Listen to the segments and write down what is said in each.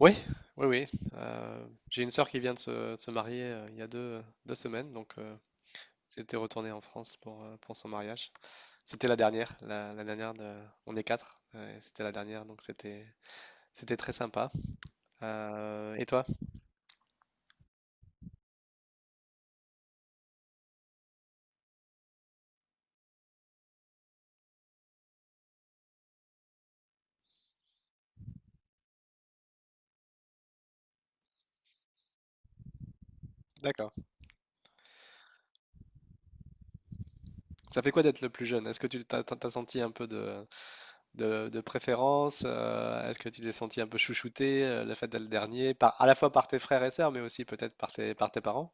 Oui, oui, oui. J'ai une sœur qui vient de se marier il y a deux semaines, donc j'étais retourné en France pour son mariage. C'était la dernière, la dernière. On est quatre, et c'était la dernière, donc c'était très sympa. Et toi? D'accord. Ça fait quoi d'être le plus jeune? Est-ce que tu t'as senti un peu de préférence? Est-ce que tu t'es senti un peu chouchouté, le fait d'être le dernier, à la fois par tes frères et sœurs, mais aussi peut-être par tes parents?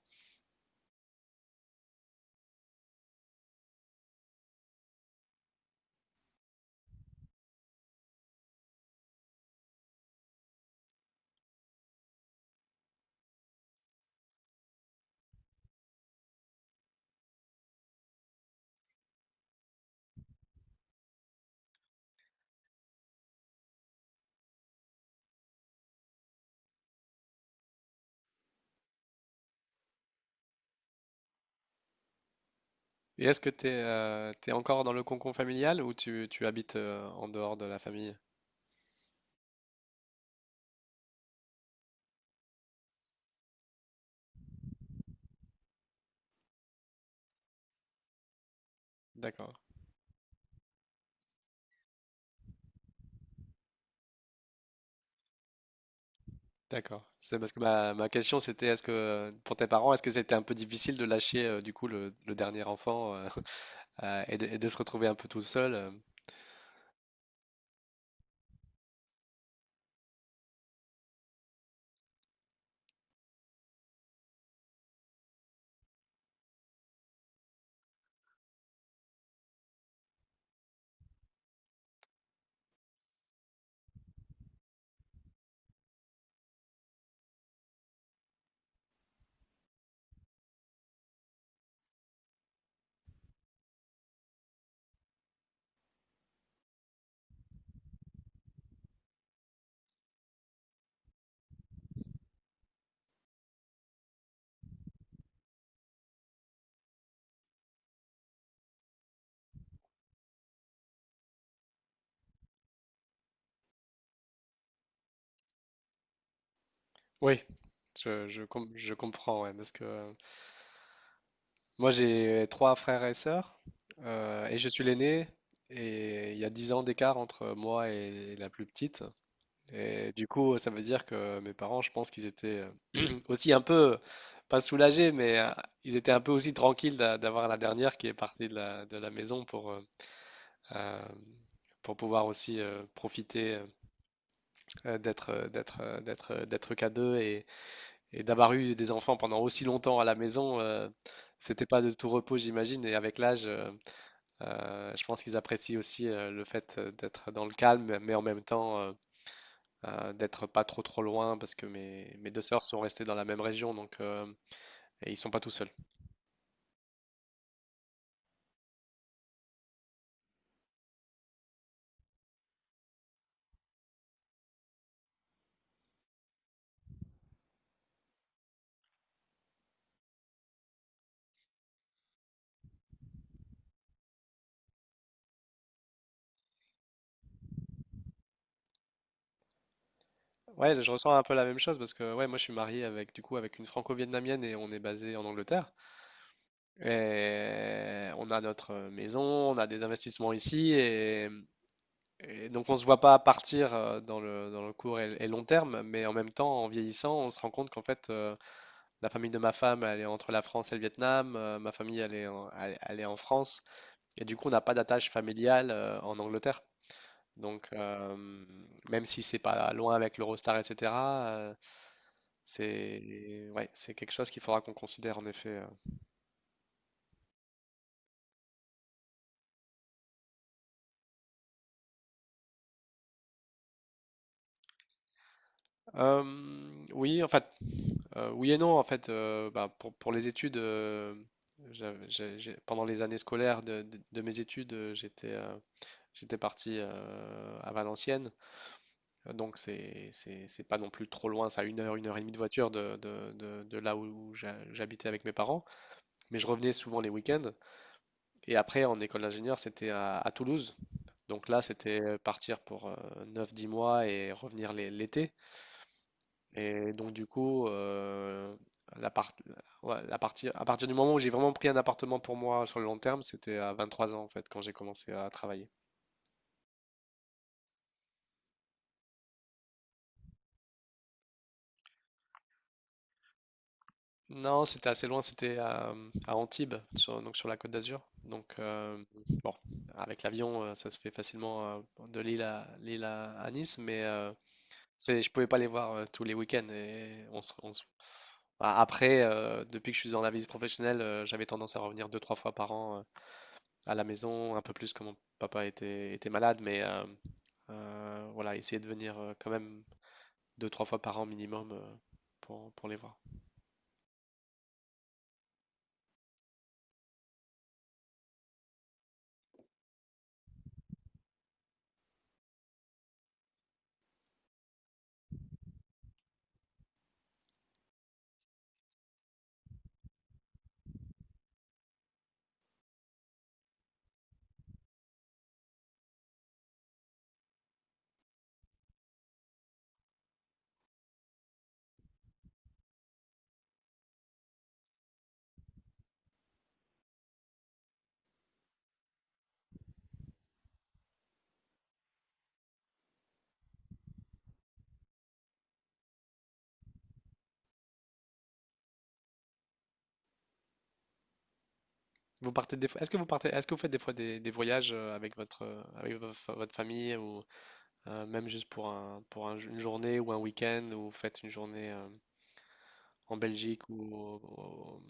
Et est-ce que tu es encore dans le cocon familial ou tu habites en dehors de la famille? D'accord, d'accord. C'est parce que ma question c'était est-ce que pour tes parents, est-ce que c'était un peu difficile de lâcher du coup le dernier enfant et de se retrouver un peu tout seul? Oui, je comprends, ouais, parce que moi j'ai trois frères et sœurs et je suis l'aîné et il y a 10 ans d'écart entre moi et la plus petite. Et du coup, ça veut dire que mes parents, je pense qu'ils étaient aussi un peu, pas soulagés, mais ils étaient un peu aussi tranquilles d'avoir la dernière qui est partie de la maison euh, pour pouvoir aussi profiter d'être qu'à deux et d'avoir eu des enfants pendant aussi longtemps à la maison. C'était pas de tout repos, j'imagine. Et avec l'âge, je pense qu'ils apprécient aussi le fait d'être dans le calme, mais en même temps. D'être pas trop trop loin parce que mes deux sœurs sont restées dans la même région, donc et ils sont pas tout seuls. Ouais, je ressens un peu la même chose parce que ouais, moi je suis marié avec du coup avec une franco-vietnamienne et on est basé en Angleterre et on a notre maison, on a des investissements ici et donc on se voit pas partir dans le court et long terme mais en même temps en vieillissant, on se rend compte qu'en fait la famille de ma femme elle est entre la France et le Vietnam, ma famille elle est en France et du coup on n'a pas d'attache familiale en Angleterre. Donc, même si c'est pas loin avec l'Eurostar, etc., euh, c'est, ouais, c'est quelque chose qu'il faudra qu'on considère en effet. Oui, en fait, oui et non. En fait, bah, pour les études, pendant les années scolaires de mes études, j'étais parti à Valenciennes. Donc, c'est pas non plus trop loin, ça, 1 heure, 1 heure et demie de voiture de là où j'habitais avec mes parents. Mais je revenais souvent les week-ends. Et après, en école d'ingénieur, c'était à Toulouse. Donc là, c'était partir pour neuf, dix mois et revenir l'été. Et donc, du coup, la part- ouais, la partie, à partir du moment où j'ai vraiment pris un appartement pour moi sur le long terme, c'était à 23 ans, en fait, quand j'ai commencé à travailler. Non, c'était assez loin, c'était à Antibes, donc sur la Côte d'Azur. Donc, bon, avec l'avion, ça se fait facilement de Lille à Nice, mais je pouvais pas les voir tous les week-ends et on se. Après, depuis que je suis dans la vie professionnelle, j'avais tendance à revenir deux, trois fois par an à la maison, un peu plus quand mon papa était malade, mais voilà, essayer de venir quand même deux, trois fois par an minimum pour les voir. Vous partez des fois, est-ce que vous partez, est-ce que vous faites des fois des voyages avec votre, avec vo- fa- votre famille ou même juste pour un une journée ou un week-end ou vous faites une journée en Belgique ou.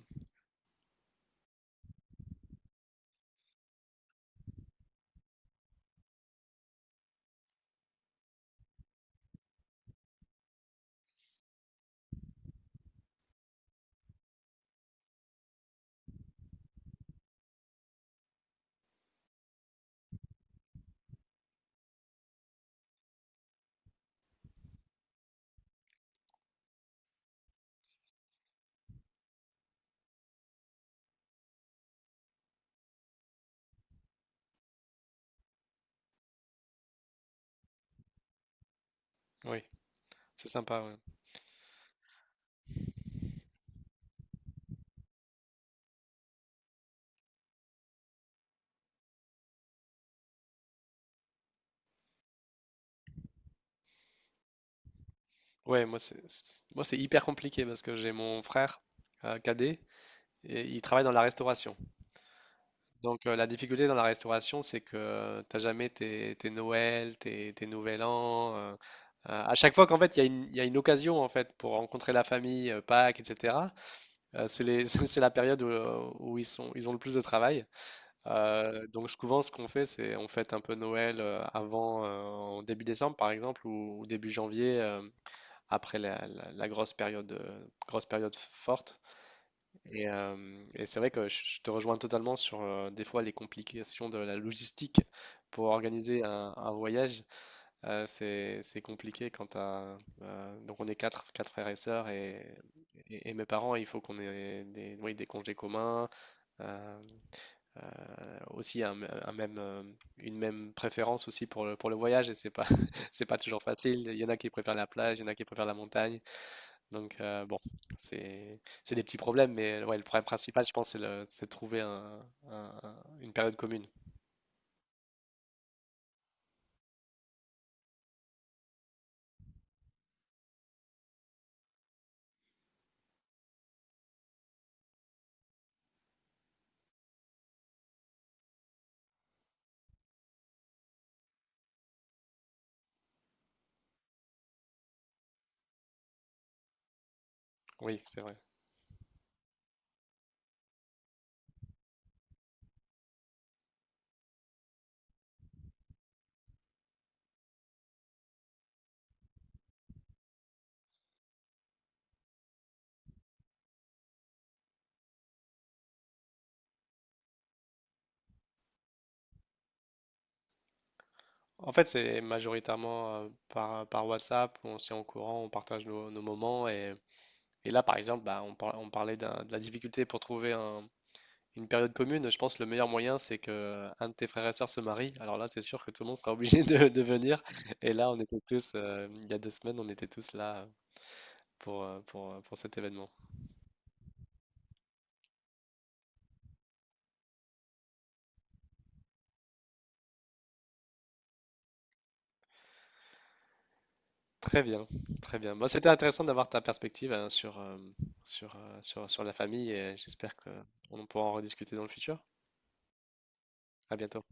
Oui, c'est sympa. Ouais. Ouais, moi c'est hyper compliqué parce que j'ai mon frère cadet et il travaille dans la restauration. Donc la difficulté dans la restauration, c'est que t'as jamais tes Noël, tes Nouvel An. À chaque fois qu'en fait il y a une occasion en fait pour rencontrer la famille, Pâques, etc. C'est la période où ils ont le plus de travail. Donc souvent ce qu'on fait, c'est on fête un peu Noël avant en début décembre par exemple ou début janvier. Après la grosse période forte. Et c'est vrai que je te rejoins totalement sur des fois les complications de la logistique pour organiser un voyage. C'est compliqué quand t'as, donc on est quatre frères et sœurs et mes parents, il faut qu'on ait des, oui, des congés communs. euh, euh, Aussi un, m- un même, une même préférence aussi pour le voyage et c'est pas, c'est pas toujours facile. Il y en a qui préfèrent la plage, il y en a qui préfèrent la montagne. Donc bon, c'est des petits problèmes, mais ouais, le problème principal, je pense, c'est de trouver une période commune. Oui, c'est vrai. En fait, c'est majoritairement par WhatsApp, on s'y en courant, on partage nos moments. Et là, par exemple, bah, on parlait de la difficulté pour trouver une période commune. Je pense que le meilleur moyen, c'est que un de tes frères et sœurs se marie. Alors là, c'est sûr que tout le monde sera obligé de venir. Et là, on était tous, il y a 2 semaines, on était tous là pour cet événement. Très bien, très bien. Bon, c'était intéressant d'avoir ta perspective hein, sur la famille et j'espère qu'on pourra en rediscuter dans le futur. À bientôt.